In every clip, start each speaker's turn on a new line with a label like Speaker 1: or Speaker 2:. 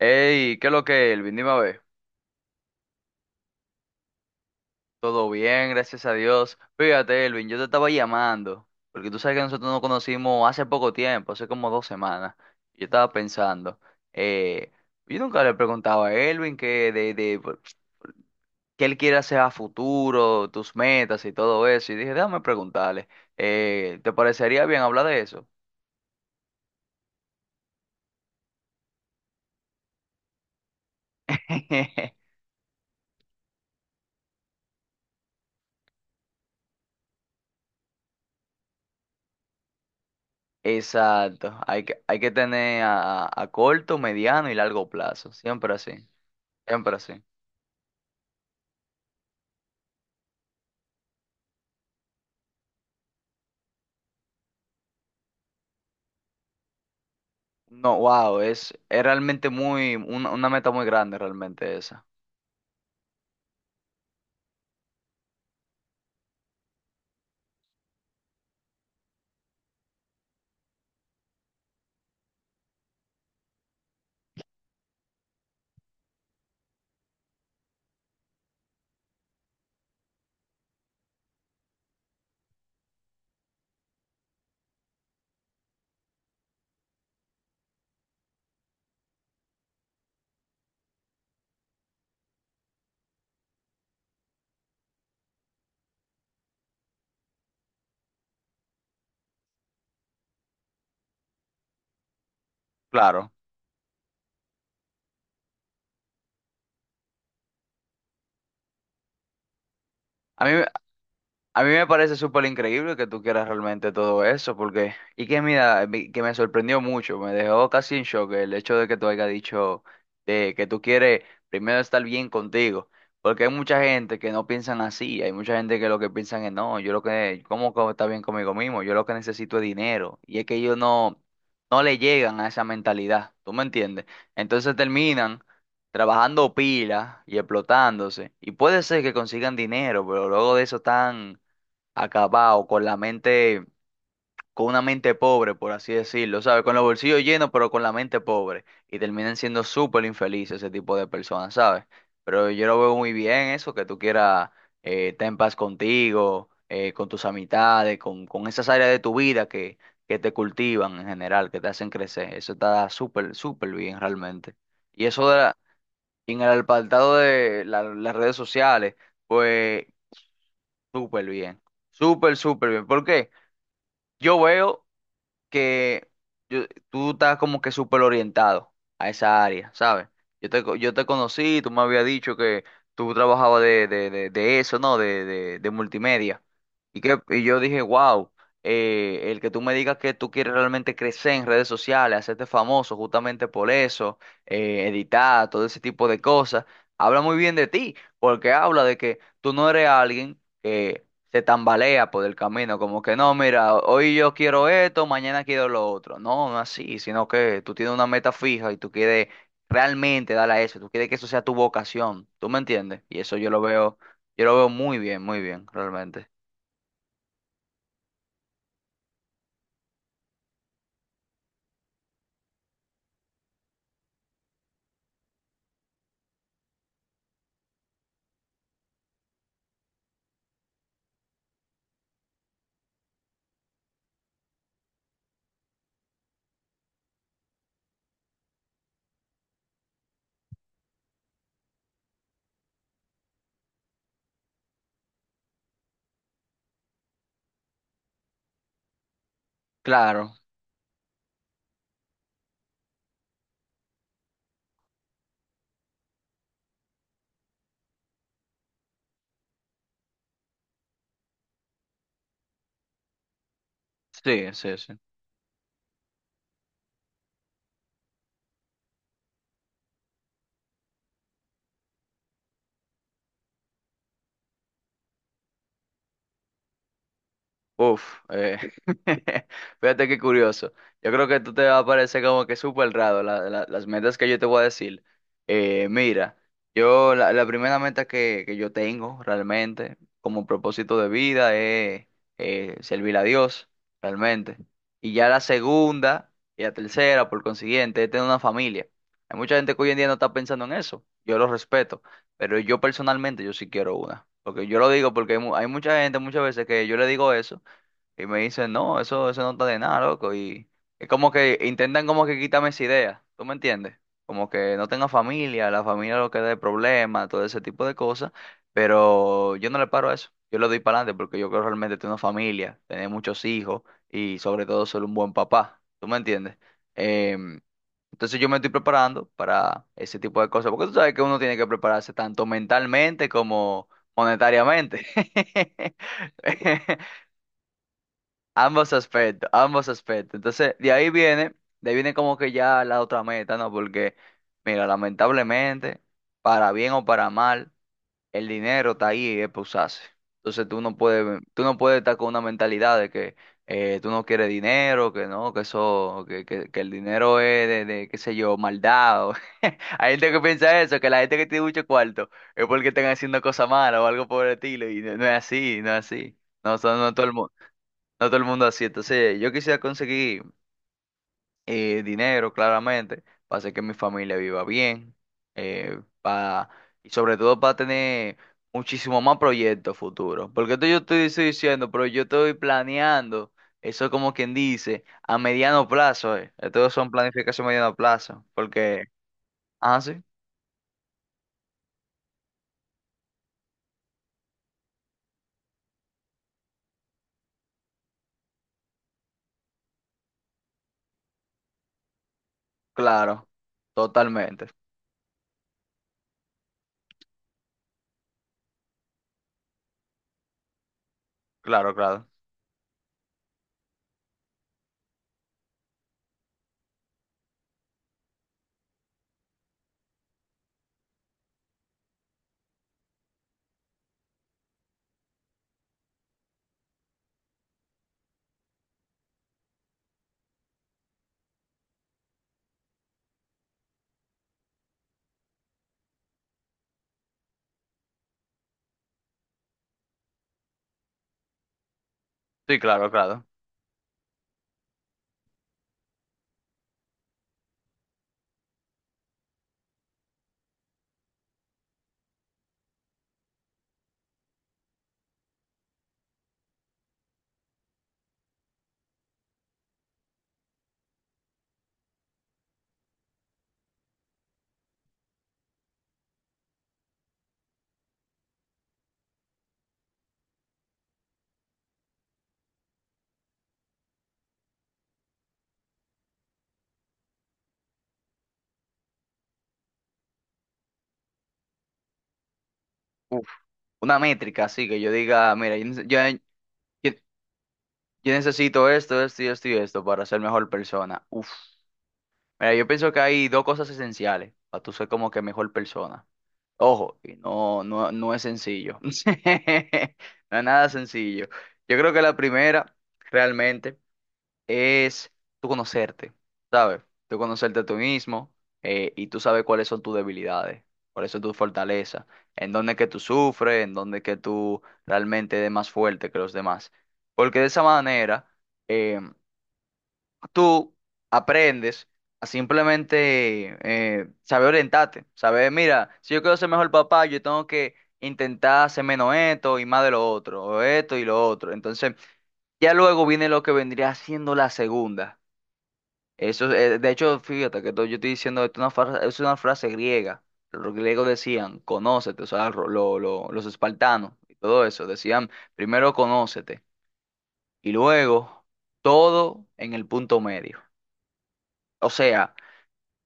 Speaker 1: Hey, ¿qué es lo que, Elvin? Dime a ver. Todo bien, gracias a Dios. Fíjate, Elvin, yo te estaba llamando, porque tú sabes que nosotros nos conocimos hace poco tiempo, hace como 2 semanas. Yo estaba pensando, eh, yo nunca le preguntaba a Elvin que de por- qué él quiere hacer a futuro, tus metas y todo eso. Y dije, déjame preguntarle, ¿te parecería bien hablar de eso? Exacto, hay que tener a corto, mediano y largo plazo, siempre así, siempre así. No, wow, es realmente muy, una meta muy grande realmente esa. Claro. A mí, A mí me parece súper increíble que tú quieras realmente todo eso, porque, y que mira, mi- que me sorprendió mucho, me dejó casi en shock el hecho de que tú hayas dicho de que tú quieres primero estar bien contigo, porque hay mucha gente que no piensan así, hay mucha gente que lo que piensan es, no, yo lo que, ¿cómo co- está bien conmigo mismo? Yo lo que necesito es dinero, y es que ellos no, no le llegan a esa mentalidad, ¿tú me entiendes? Entonces terminan trabajando pila y explotándose, y puede ser que consigan dinero, pero luego de eso están acabado, con la mente, con una mente pobre, por así decirlo, ¿sabes? Con los bolsillos llenos, pero con la mente pobre. Y terminan siendo súper infelices ese tipo de personas, ¿sabes? Pero yo lo veo muy bien eso, que tú quieras estar en paz contigo, con tus amistades, con esas áreas de tu vida que te cultivan en general, que te hacen crecer. Eso está súper, súper bien realmente. Y eso de la- en el apartado de las redes sociales, pues súper bien. Súper, súper bien. ¿Por qué? Yo veo que yo- tú estás como que súper orientado a esa área, ¿sabes? Yo te conocí, tú me habías dicho que tú trabajabas de eso, ¿no? De multimedia. Y, que, y yo dije, wow, el que tú me digas que tú quieres realmente crecer en redes sociales, hacerte famoso justamente por eso, editar, todo ese tipo de cosas, habla muy bien de ti, porque habla de que tú no eres alguien que se tambalea por el camino, como que no, mira, hoy yo quiero esto, mañana quiero lo otro. No, no así, sino que tú tienes una meta fija y tú quieres realmente darle a eso, tú quieres que eso sea tu vocación, ¿tú me entiendes? Y eso yo lo veo muy bien, realmente. Claro, sí, sí, sí. Uf, fíjate qué curioso. Yo creo que tú te va a parecer como que súper raro las metas que yo te voy a decir. Mira, yo la primera meta que yo tengo realmente como propósito de vida es servir a Dios, realmente. Y ya la segunda y la tercera, por consiguiente, es tener una familia. Hay mucha gente que hoy en día no está pensando en eso. Yo lo respeto, pero yo personalmente yo sí quiero una. Porque yo lo digo porque hay mucha gente muchas veces que yo le digo eso. Y me dicen, no, eso no está de nada, loco. Y es como que intentan como que quitarme esa idea, ¿tú me entiendes? Como que no tenga familia, la familia lo que dé problemas, todo ese tipo de cosas. Pero yo no le paro a eso. Yo le doy para adelante porque yo creo realmente tener una familia, tener muchos hijos y sobre todo ser un buen papá, ¿tú me entiendes? Em, entonces yo me estoy preparando para ese tipo de cosas, porque tú sabes que uno tiene que prepararse tanto mentalmente como monetariamente. Ambos aspectos, ambos aspectos. Entonces, de ahí viene como que ya la otra meta, ¿no? Porque, mira, lamentablemente, para bien o para mal, el dinero está ahí y es pa' usarse. Entonces, tú no puedes estar con una mentalidad de que tú no quieres dinero, que no, que eso, que el dinero es de, qué sé yo, maldad. O- Hay gente que piensa eso, que la gente que tiene mucho cuarto es porque están haciendo cosas malas o algo por el estilo, y no, no es así, no es así. No, son- no todo el mundo así. Entonces, yo quisiera conseguir dinero, claramente, para hacer que mi familia viva bien, eh, pa- y sobre todo para tener muchísimo más proyectos futuros. Porque esto yo estoy diciendo, pero yo estoy planeando, eso es como quien dice, a mediano plazo. Estos son planificación a mediano plazo. Porque, ah, sí, claro, totalmente. Claro, claro. Sí, claro, claro. Uf, una métrica así que yo diga, mira, yo- Yo necesito esto, esto y esto y esto para ser mejor persona. Uf. Mira, yo pienso que hay dos cosas esenciales para tú ser como que mejor persona. Ojo, y no, no, no es sencillo. No es nada sencillo. Yo creo que la primera realmente es tú conocerte, ¿sabes? Tú conocerte tú mismo y tú sabes cuáles son tus debilidades, cuáles son tus fortalezas, en dónde es que tú sufres, en dónde es que tú realmente eres más fuerte que los demás. Porque de esa manera em, tú aprendes a simplemente saber orientarte, saber, mira, si yo quiero ser mejor papá, yo tengo que intentar hacer menos esto y más de lo otro, o esto y lo otro. Entonces, ya luego viene lo que vendría siendo la segunda. Eso, de hecho, fíjate que to- yo estoy diciendo esto es una fra- es una frase griega. Los griegos decían, conócete, o sea, los espartanos y todo eso, decían, primero conócete y luego todo en el punto medio. O sea,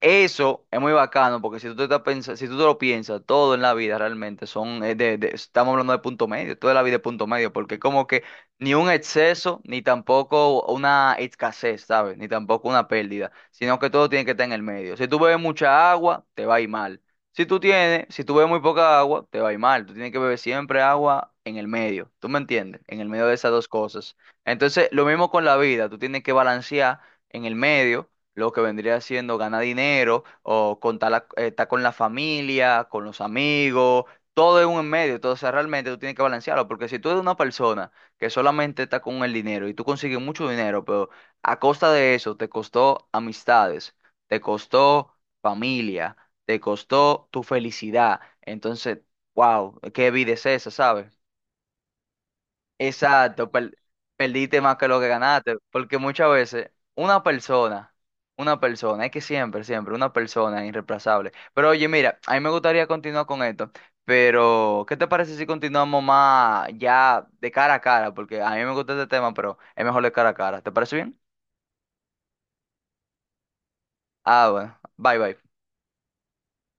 Speaker 1: eso es muy bacano porque si tú te estás si tú te lo piensas, todo en la vida realmente son estamos hablando de punto medio, toda la vida es punto medio, porque como que ni un exceso, ni tampoco una escasez, ¿sabes? Ni tampoco una pérdida, sino que todo tiene que estar en el medio. Si tú bebes mucha agua, te va a ir mal. Si tú bebes muy poca agua, te va a ir mal. Tú tienes que beber siempre agua en el medio. ¿Tú me entiendes? En el medio de esas dos cosas. Entonces, lo mismo con la vida, tú tienes que balancear en el medio lo que vendría siendo ganar dinero o estar con la familia, con los amigos, todo es un en medio. Entonces realmente tú tienes que balancearlo, porque si tú eres una persona que solamente está con el dinero y tú consigues mucho dinero, pero a costa de eso te costó amistades, te costó familia, te costó tu felicidad, entonces, wow, qué vida es esa, ¿sabes? Exacto, perdiste más que lo que ganaste, porque muchas veces una persona, es que siempre, siempre, una persona es irreemplazable. Pero oye, mira, a mí me gustaría continuar con esto, pero ¿qué te parece si continuamos más ya de cara a cara? Porque a mí me gusta este tema, pero es mejor de cara a cara. ¿Te parece bien? Ah, bueno, bye bye.